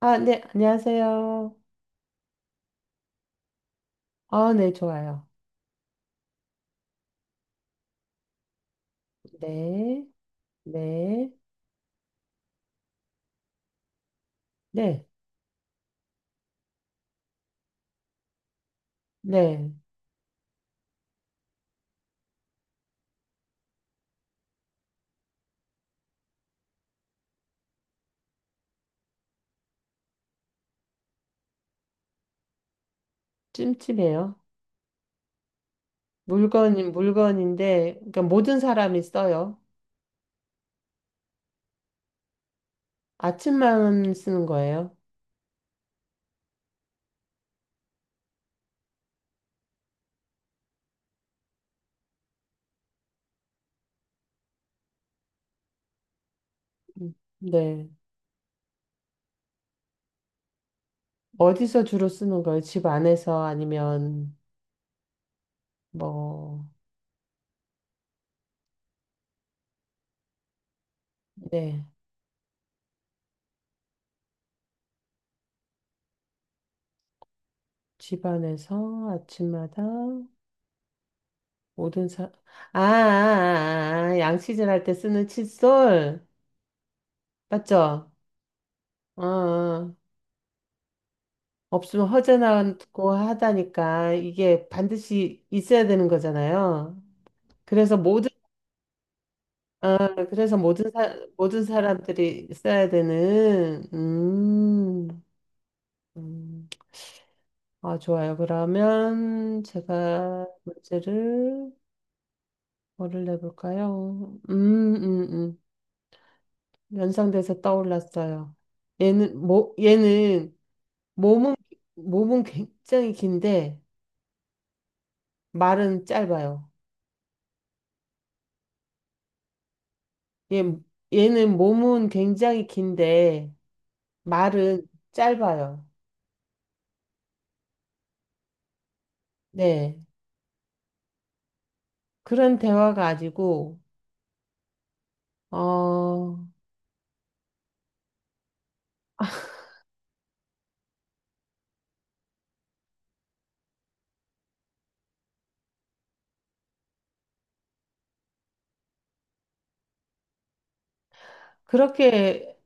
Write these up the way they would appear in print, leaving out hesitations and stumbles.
아, 네, 안녕하세요. 아, 네, 좋아요. 네, 네, 네, 네. 찜찜해요. 물건 물건인데, 그러니까 모든 사람이 써요. 아침만 쓰는 거예요. 음, 네. 어디서 주로 쓰는 거예요? 집 안에서 아니면, 뭐, 네. 집 안에서 아침마다 모든 사, 아, 아, 아, 아, 양치질 할 때 쓰는 칫솔. 맞죠? 어. 어. 없으면 허전하고 하다니까 이게 반드시 있어야 되는 거잖아요. 그래서 모든 아, 그래서 모든 모든 사람들이 써야 되는 음. 아 좋아요. 그러면 제가 문제를 뭐를 내볼까요? 연상돼서 떠올랐어요. 얘는 몸은 몸은 굉장히 긴데 말은 짧아요. 얘, 얘는 몸은 굉장히 긴데 말은 짧아요. 네. 그런 대화 가지고 어 그렇게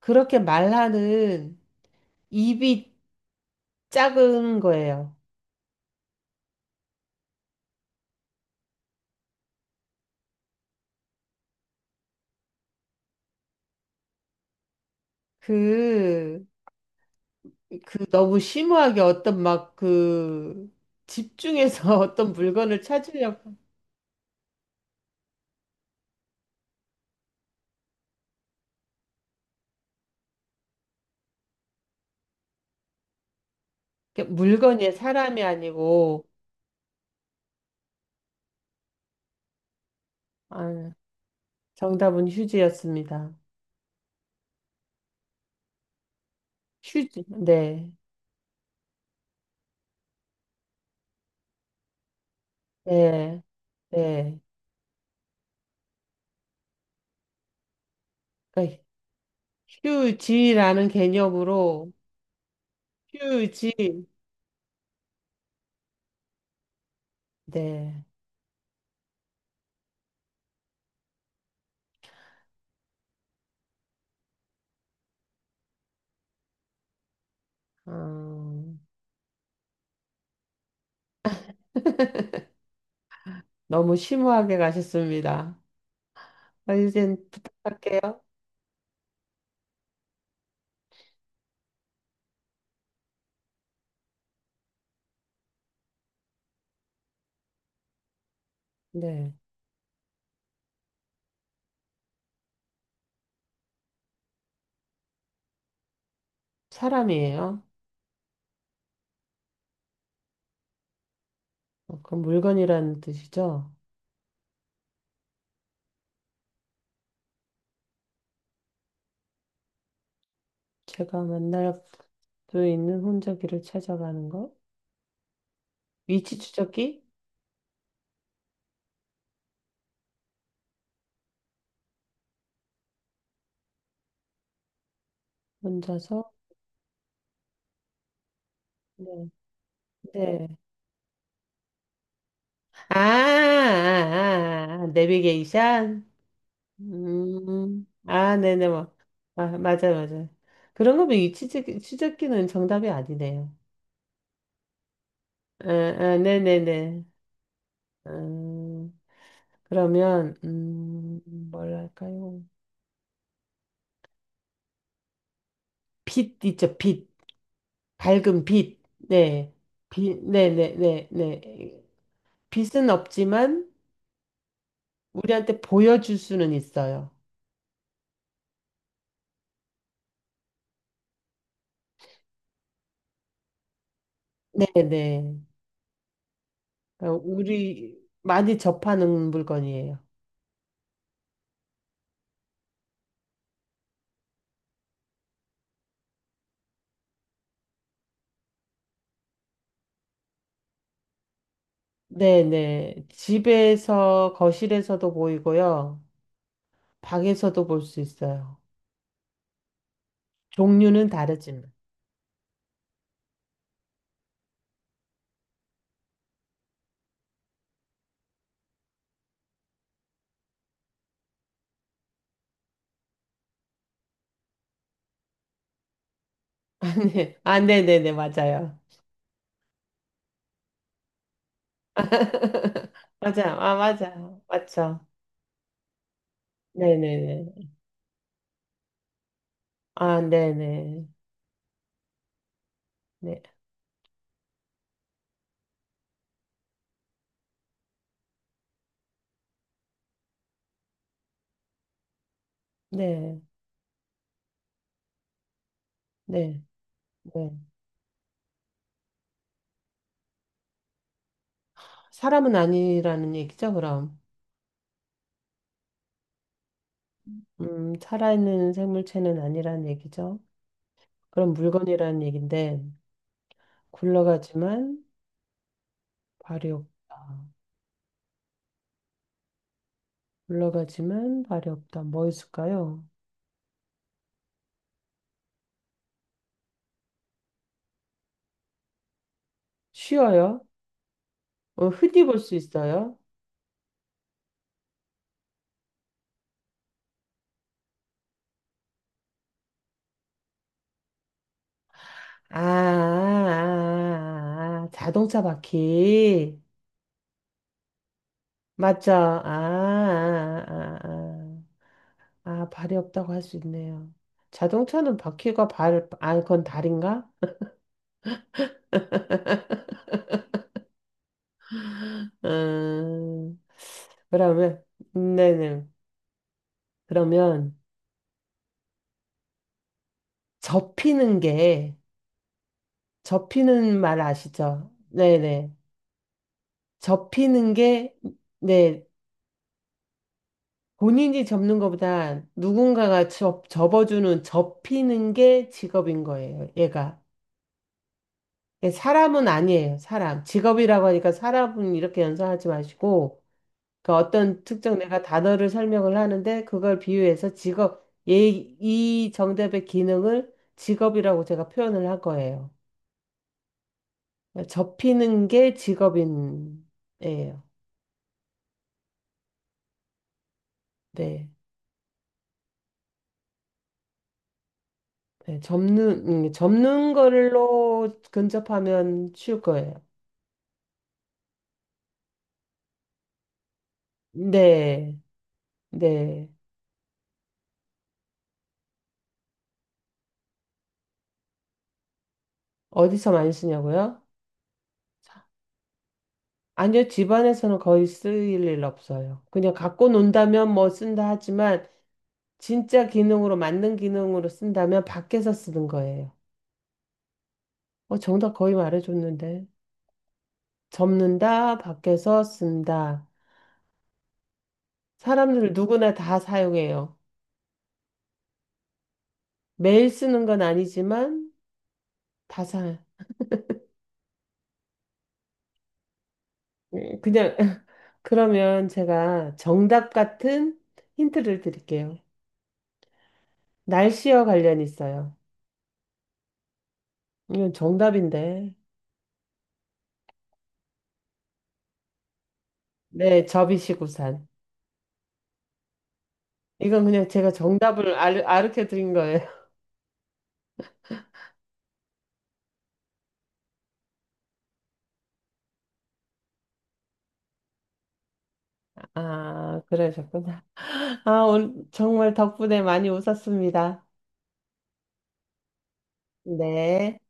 그렇게 말하는 입이 작은 거예요. 그, 그 너무 심오하게 어떤 막 그 집중해서 어떤 물건을 찾으려고 이렇게 물건이 사람이 아니고 아, 정답은 휴지였습니다. 휴지. 네. 네. 네. 그러니까 휴지라는 개념으로 휴지. 네. 어, 너무 심오하게 가셨습니다. 아, 이젠 부탁할게요. 네. 사람이에요. 어, 그럼 물건이라는 뜻이죠. 제가 만날 수 있는 혼자기를 찾아가는 거. 위치 추적기? 혼자서? 네. 네. 아, 아, 아, 아, 내비게이션? 음. 아, 네네. 뭐. 아, 맞아, 맞아. 그런 거면 이 치즈끼는 정답이 아니네요. 아, 아, 네네네. 음, 그러면, 뭘 할까요? 빛 있죠, 빛. 밝은 빛. 네. 빛, 네네네, 네. 네, 네. 빛은 없지만, 우리한테 보여줄 수는 있어요. 네네. 우리 많이 접하는 물건이에요. 네네. 집에서, 거실에서도 보이고요. 방에서도 볼 수 있어요. 종류는 다르지만. 아, 네. 아, 네네네. 맞아요. 맞아요. 아, 맞아요. 맞죠. 네네네. 아, 네네. 네. 네. 네. 네. 사람은 아니라는 얘기죠, 그럼. 살아있는 생물체는 아니라는 얘기죠. 그럼 물건이라는 얘긴데, 굴러가지만 발이 없다. 올라가지만 발이 없다. 뭐 있을까요? 쉬어요? 흔히 볼 수 있어요? 아, 아, 아, 아, 자동차 바퀴. 맞죠? 아, 아, 아, 아. 아, 발이 없다고 할 수 있네요. 자동차는 바퀴가 발, 아, 그건 다리인가? 음, 그러면, 네네. 그러면, 접히는 게, 접히는 말 아시죠? 네네. 접히는 게, 네, 본인이 접는 것보다 누군가가 접어주는, 접히는 게 직업인 거예요, 얘가. 얘 사람은 아니에요, 사람. 직업이라고 하니까 사람은 이렇게 연상하지 마시고, 그러니까 어떤 특정 내가 단어를 설명을 하는데, 그걸 비유해서 직업, 얘, 이 정답의 기능을 직업이라고 제가 표현을 할 거예요. 그러니까 접히는 게 직업인, 예요. 네. 네, 접는 걸로 근접하면 쉬울 거예요. 네. 네. 어디서 많이 쓰냐고요? 아니요, 집안에서는 거의 쓸 일 없어요. 그냥 갖고 논다면 뭐 쓴다 하지만 진짜 기능으로 맞는 기능으로 쓴다면 밖에서 쓰는 거예요. 정답 거의 말해줬는데. 접는다, 밖에서 쓴다. 사람들 누구나 다 사용해요. 매일 쓰는 건 아니지만 다 사. 그냥 그러면 제가 정답 같은 힌트를 드릴게요. 날씨와 관련 있어요. 이건 정답인데. 네, 접이시구산. 이건 그냥 제가 정답을 아르켜 드린 거예요. 아, 그러셨구나. 아, 오늘 정말 덕분에 많이 웃었습니다. 네.